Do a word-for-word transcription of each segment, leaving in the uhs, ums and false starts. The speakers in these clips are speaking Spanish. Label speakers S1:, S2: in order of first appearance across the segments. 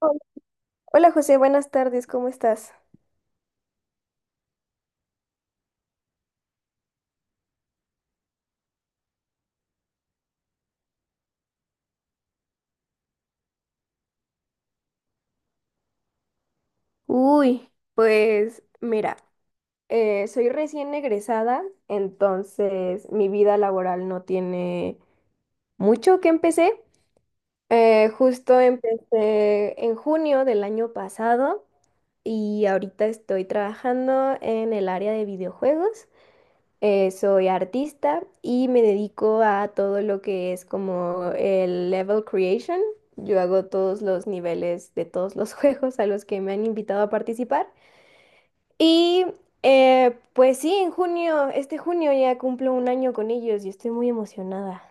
S1: Hola. Hola, José, buenas tardes, ¿cómo estás? Uy, pues mira, eh, soy recién egresada, entonces mi vida laboral no tiene mucho que empecé. Eh, justo empecé en junio del año pasado y ahorita estoy trabajando en el área de videojuegos. Eh, soy artista y me dedico a todo lo que es como el level creation. Yo hago todos los niveles de todos los juegos a los que me han invitado a participar. Y eh, pues sí, en junio, este junio ya cumplo un año con ellos y estoy muy emocionada.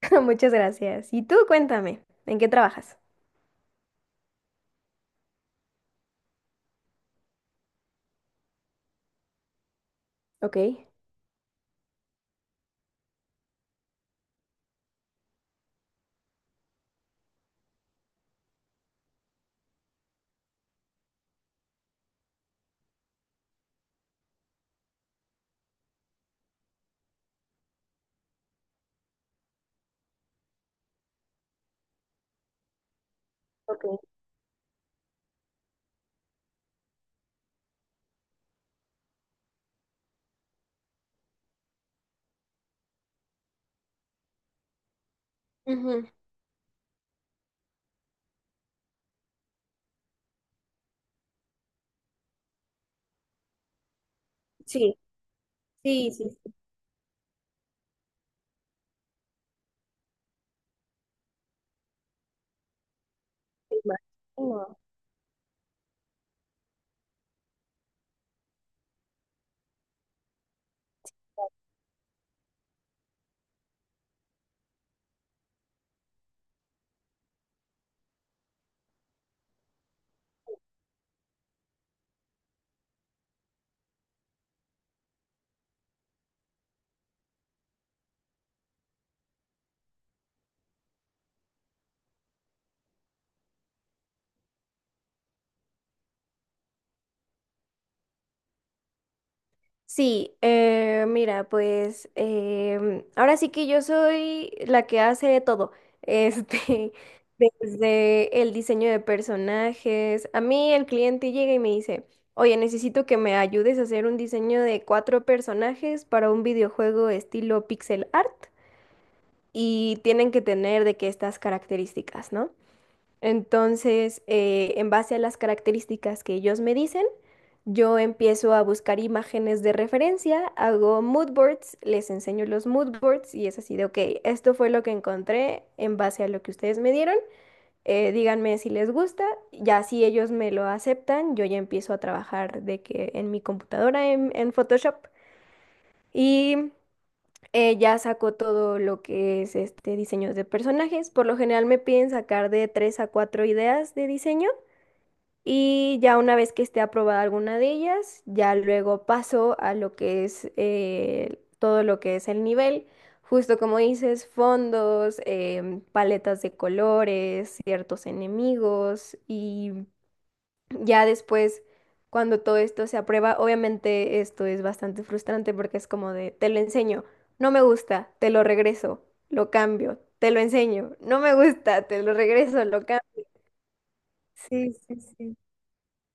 S1: Muchas gracias. Y tú, cuéntame, ¿en qué trabajas? Ok. Ok. Ujú. Sí, sí, sí, sí, me imagino. Sí, eh, mira, pues em, ahora sí que yo soy la que hace todo, este, desde el diseño de personajes. A mí el cliente llega y me dice, oye, necesito que me ayudes a hacer un diseño de cuatro personajes para un videojuego estilo pixel art y tienen que tener de que estas características, ¿no? Entonces, eh, en base a las características que ellos me dicen, yo empiezo a buscar imágenes de referencia, hago mood boards, les enseño los mood boards y es así de, ok, esto fue lo que encontré en base a lo que ustedes me dieron, eh, díganme si les gusta, ya si ellos me lo aceptan, yo ya empiezo a trabajar de que en mi computadora, en, en Photoshop y eh, ya saco todo lo que es este diseños de personajes. Por lo general me piden sacar de tres a cuatro ideas de diseño. Y ya una vez que esté aprobada alguna de ellas, ya luego paso a lo que es eh, todo lo que es el nivel. Justo como dices, fondos, em, paletas de colores, ciertos enemigos y ya después, cuando todo esto se aprueba, obviamente esto es bastante frustrante porque es como de, te lo enseño, no me gusta, te lo regreso, lo cambio, te lo enseño, no me gusta, te lo regreso, lo cambio. Sí, sí, sí.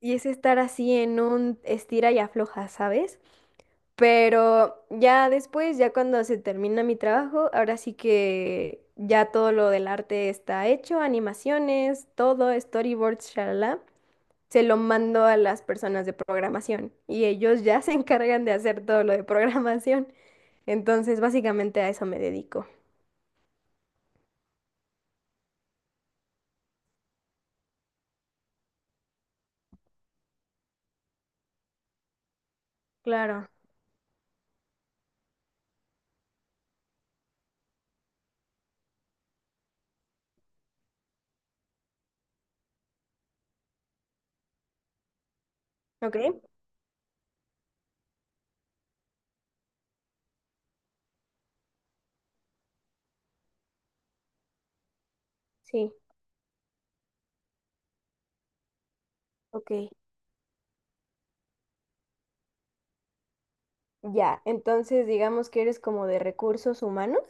S1: Y es estar así en un estira y afloja, ¿sabes? Pero ya después, ya cuando se termina mi trabajo, ahora sí que ya todo lo del arte está hecho, animaciones, todo, storyboards, shalala. Se lo mando a las personas de programación y ellos ya se encargan de hacer todo lo de programación. Entonces, básicamente a eso me dedico. Claro. ¿Ok? Sí. Ok. Ya. Entonces, digamos que eres como de recursos humanos.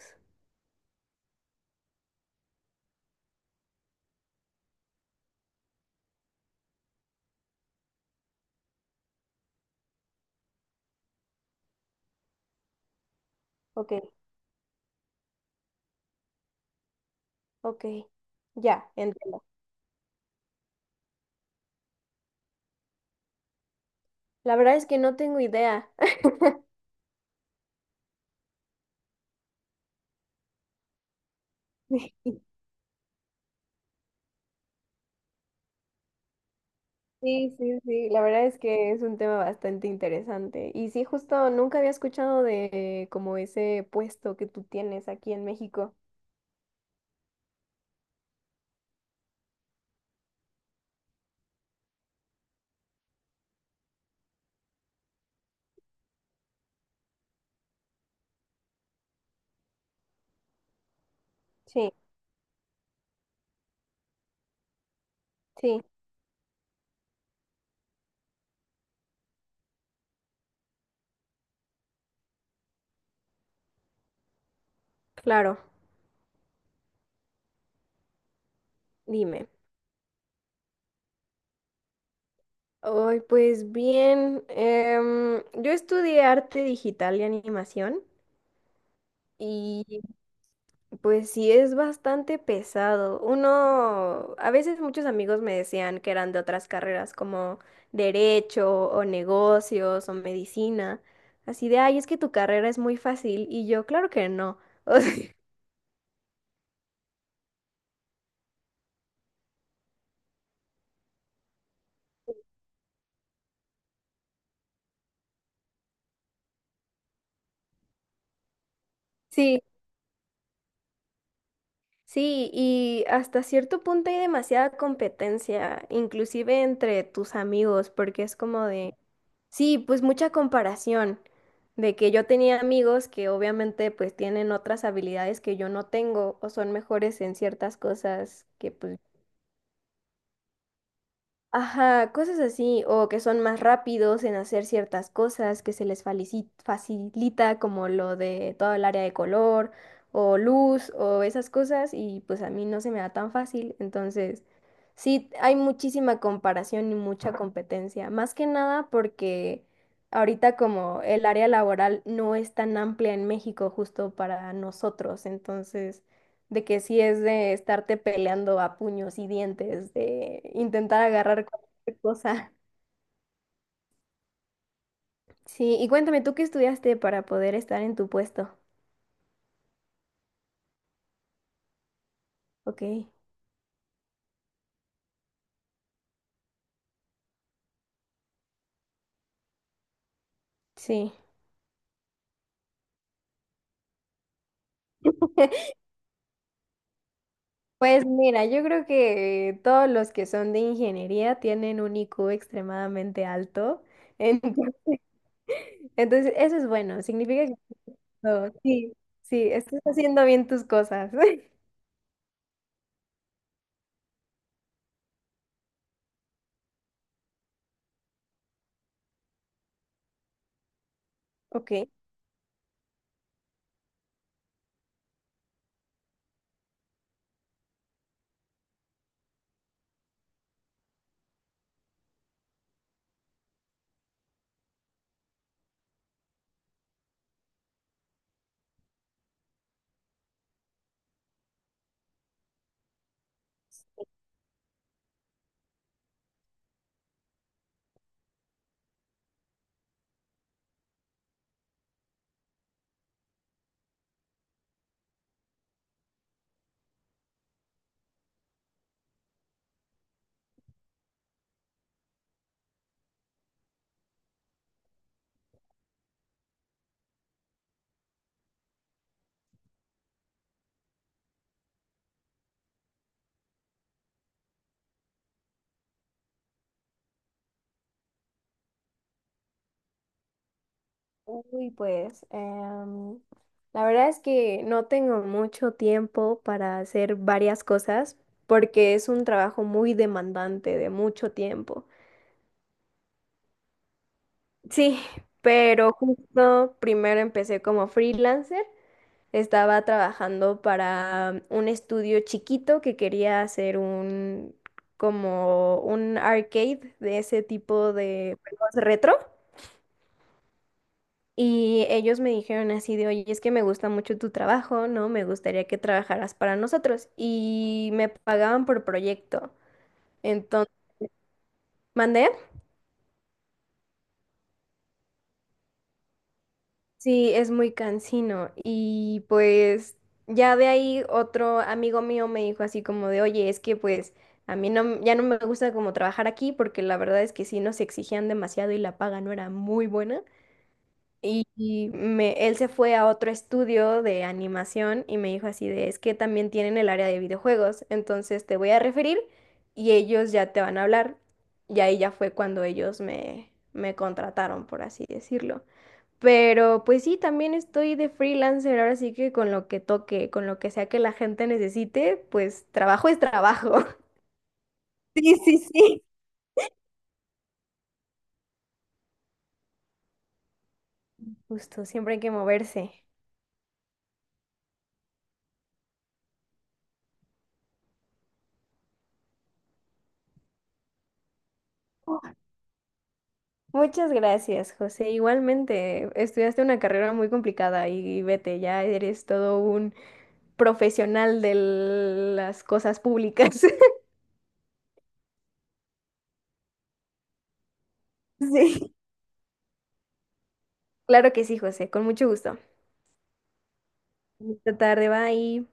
S1: Ok. Ok, ya, entiendo. La verdad es que no tengo idea. Sí, sí, sí, la verdad es que es un tema bastante interesante. Y sí, justo nunca había escuchado de como ese puesto que tú tienes aquí en México. Sí, sí, claro, dime. Ay, pues bien, em, yo estudié arte digital y animación y pues sí, es bastante pesado. Uno, a veces muchos amigos me decían que eran de otras carreras como derecho o negocios o medicina. Así de, ay, es que tu carrera es muy fácil. Y yo, claro que no. O sea, sí, sí, y hasta cierto punto hay demasiada competencia, inclusive entre tus amigos, porque es como de... Sí, pues mucha comparación de que yo tenía amigos que obviamente pues tienen otras habilidades que yo no tengo o son mejores en ciertas cosas que pues ajá, cosas así, o que son más rápidos en hacer ciertas cosas, que se les falici- facilita como lo de todo el área de color o luz o esas cosas y pues a mí no se me da tan fácil, entonces sí hay muchísima comparación y mucha competencia, más que nada porque ahorita como el área laboral no es tan amplia en México justo para nosotros, entonces de que sí es de estarte peleando a puños y dientes, de intentar agarrar cualquier cosa. Sí, y cuéntame, ¿tú qué estudiaste para poder estar en tu puesto? Ok, sí. Pues mira, yo creo que todos los que son de ingeniería tienen un I Q extremadamente alto. Entonces, entonces, eso es bueno, significa que no, sí, sí, estás haciendo bien tus cosas. Ok. Uy, pues, em, la verdad es que no tengo mucho tiempo para hacer varias cosas porque es un trabajo muy demandante de mucho tiempo. Sí, pero justo primero empecé como freelancer. Estaba trabajando para un estudio chiquito que quería hacer un como un arcade de ese tipo de juegos retro. Y ellos me dijeron así de, oye, es que me gusta mucho tu trabajo, ¿no? Me gustaría que trabajaras para nosotros. Y me pagaban por proyecto. Entonces, ¿mandé? Sí, es muy cansino. Y pues ya de ahí otro amigo mío me dijo así como de, oye, es que pues a mí no, ya no me gusta como trabajar aquí porque la verdad es que sí nos exigían demasiado y la paga no era muy buena. Y y me, él se fue a otro estudio de animación y me dijo así de, es que también tienen el área de videojuegos, entonces te voy a referir y ellos ya te van a hablar. Y ahí ya fue cuando ellos me, me contrataron, por así decirlo. Pero pues sí, también estoy de freelancer, ahora sí que con lo que toque, con lo que sea que la gente necesite, pues trabajo es trabajo. Sí, sí, sí. Justo, siempre hay que moverse. Muchas gracias, José. Igualmente, estudiaste una carrera muy complicada y vete, ya eres todo un profesional de las cosas públicas. Sí. Claro que sí, José, con mucho gusto. Esta tarde, bye.